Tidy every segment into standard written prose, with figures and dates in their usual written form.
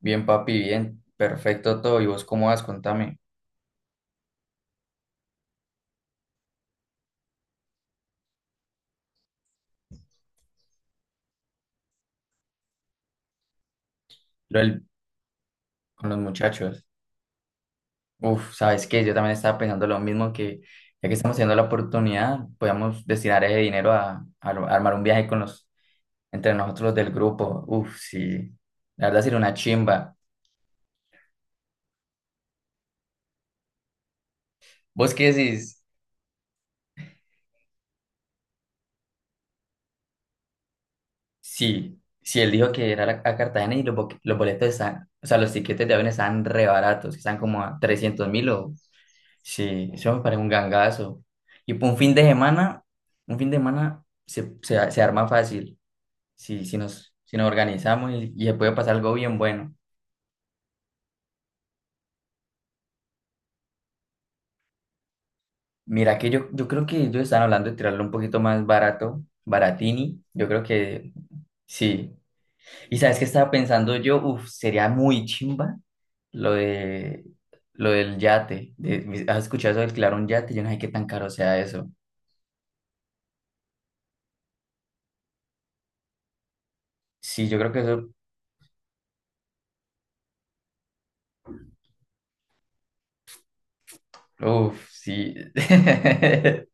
Bien, papi, bien. Perfecto todo. ¿Y vos cómo vas? Contame. Lo del- con los muchachos. Uf, ¿sabes qué? Yo también estaba pensando lo mismo, que ya que estamos teniendo la oportunidad, podemos destinar ese dinero a armar un viaje con los, entre nosotros los del grupo. Uf, sí. La verdad sería una chimba. ¿Vos qué decís? Sí. Si él dijo que era a Cartagena, y los, los boletos están, o sea, los tiquetes de avión están re baratos, están como a 300.000. O sí, eso me parece un gangazo. Y por un fin de semana, un fin de semana se arma fácil. Si nos organizamos, y se puede pasar algo bien bueno. Mira que yo creo que ellos están hablando de tirarlo un poquito más barato, baratini. Yo creo que sí. Y sabes qué estaba pensando yo, uf, sería muy chimba lo de lo del yate. ¿Has escuchado eso de alquilar un yate? Yo no sé qué tan caro sea eso. Sí, yo creo que eso, uf, sí.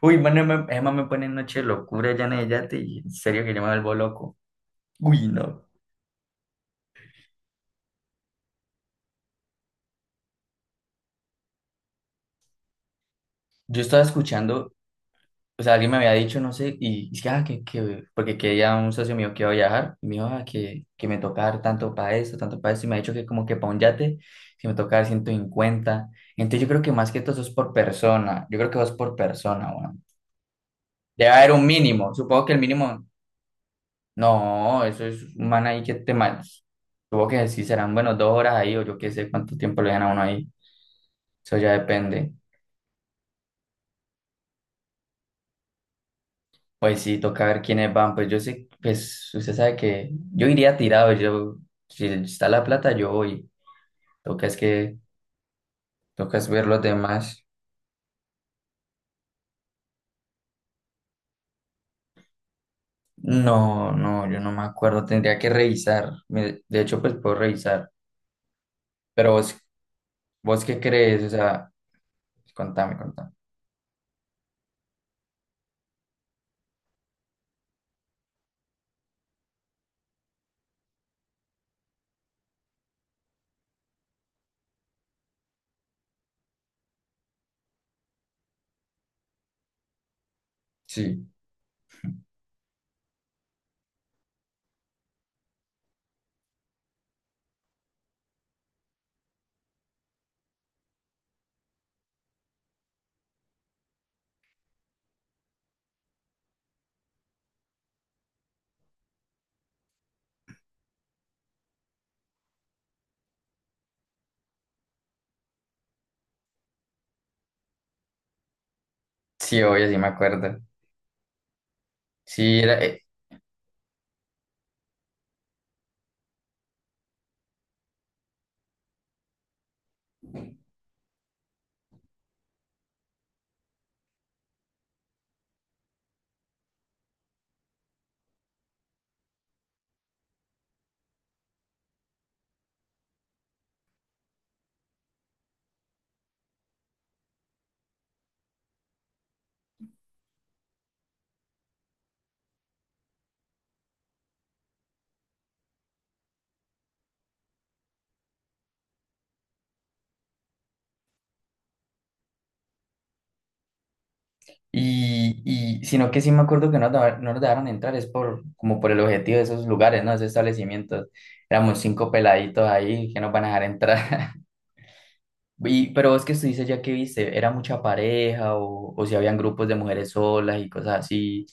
Uy, mano, Emma, Emma me pone en noche de locura, ya Yate, y en serio que yo me vuelvo loco. Uy, no. Yo estaba escuchando, o sea, alguien me había dicho, no sé, y es que, ah, que, porque que ya un socio mío que iba a viajar, y me dijo, que me toca dar tanto para eso, y me ha dicho que como que para un yate, que me toca dar 150. Entonces yo creo que más que todo eso es por persona, yo creo que vas por persona, bueno. Debe haber un mínimo, supongo que el mínimo. No, eso es un man ahí que te manos. Supongo que sí serán, bueno, 2 horas ahí, o yo qué sé cuánto tiempo le dan a uno ahí. Eso ya depende. Pues sí, toca ver quiénes van. Pues yo sé, pues usted sabe que yo iría tirado. Yo, si está la plata, yo voy. Toca es que, toca es ver los demás. No, no, yo no me acuerdo. Tendría que revisar. De hecho, pues puedo revisar. Pero vos, ¿vos qué crees? O sea, contame, contame. Sí, sí, obvio, sí me acuerdo. Sí, era, y sino que sí me acuerdo que no, no nos dejaron entrar, es por como por el objetivo de esos lugares, ¿no? Esos establecimientos. Éramos cinco peladitos ahí que nos van a dejar entrar. Y, pero vos que dices ya que viste, ¿era mucha pareja o si habían grupos de mujeres solas y cosas así?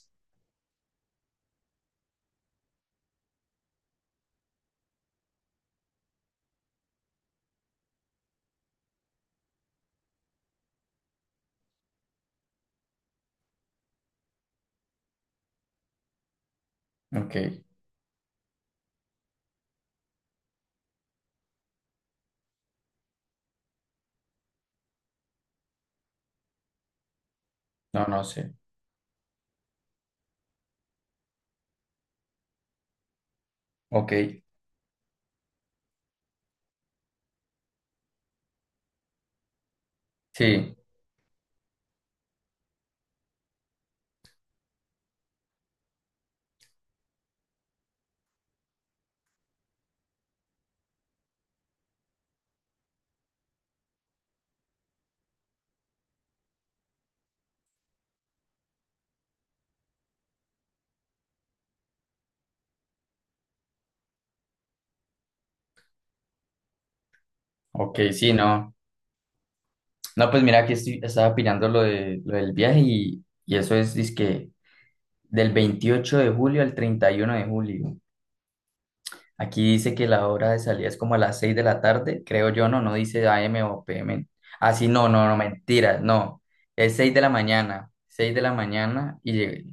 Ok, no, no sé. Ok, sí, ok, sí, no. No, pues mira, aquí estoy, estaba opinando lo, de, lo del viaje, y eso es, que del 28 de julio al 31 de julio. Aquí dice que la hora de salida es como a las 6 de la tarde, creo yo, no, no dice AM o PM. Ah, sí, no, no, no, mentira, no. Es 6 de la mañana, 6 de la mañana y llegué.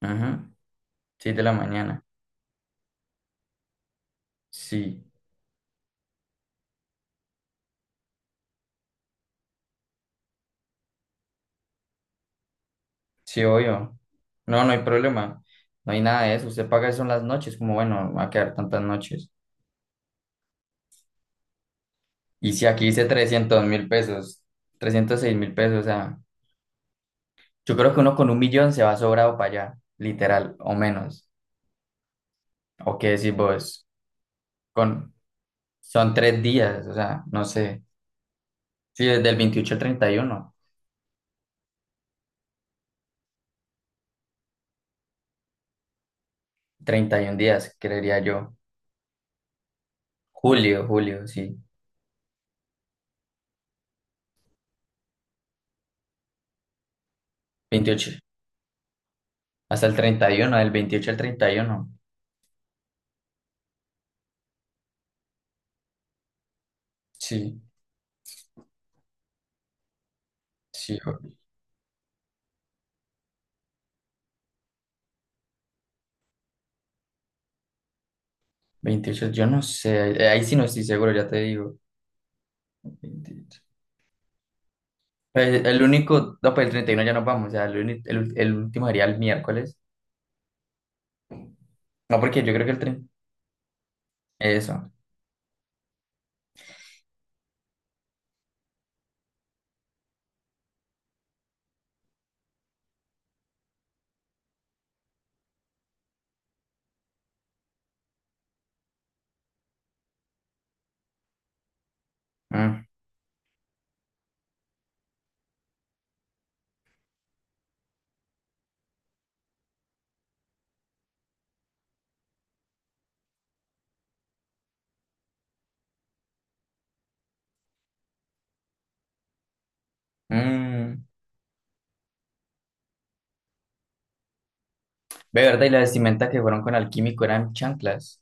Ajá, 6 de la mañana. Sí, sí, obvio. No, no hay problema, no hay nada de eso. Usted paga eso en las noches, como bueno, va a quedar tantas noches. Y si aquí dice 300.000 pesos, 306.000 pesos, o sea, yo creo que uno con un millón se va sobrado para allá, literal, o menos. ¿O qué decís vos? Con, son 3 días, o sea, no sé. Sí, desde el 28 al 30, 31 31 días, creería yo. Julio, julio, sí. 28 hasta el 31, del 28 al 31 Sí, sí. 28, yo no sé. Ahí, ahí sí no estoy seguro, ya te digo. 28. Pues, el único, no, pues el 31 ya nos vamos, o sea, el último sería el miércoles. No, porque yo creo que el 30. Eso. Mm, mm. Ve, verdad, y la vestimenta que fueron con Alquímico eran chanclas.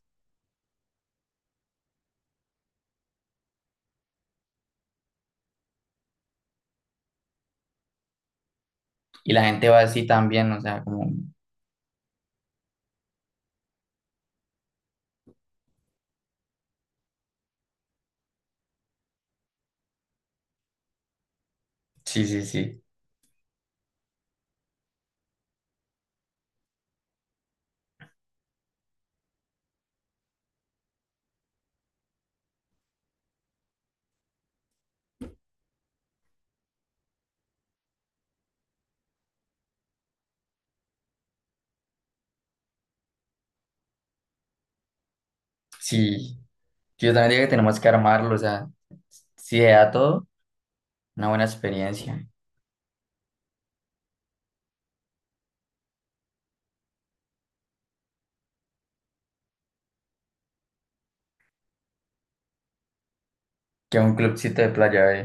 Y la gente va así también, o sea, como. Sí, sí, sí. Sí, yo también digo que tenemos que armarlo, o sea, si se da todo, una buena experiencia. ¿Que un clubcito de playa, eh?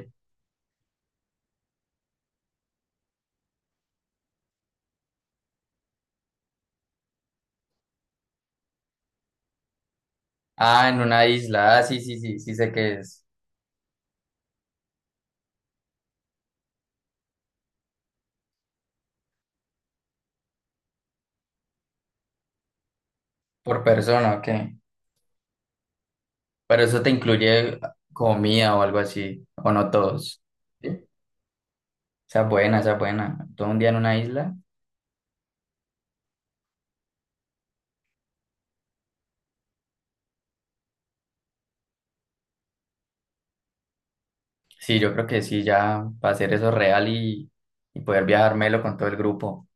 Ah, en una isla, ah, sí, sí, sí, sí sé que es por persona, ok. Pero eso te incluye comida o algo así, o no todos. ¿Sí? Esa es buena, esa es buena. Todo un día en una isla. Sí, yo creo que sí, ya para hacer eso real, y poder viajármelo con todo el grupo.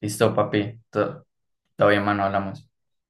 Listo, papi. Todo, todo bien, mano, hablamos.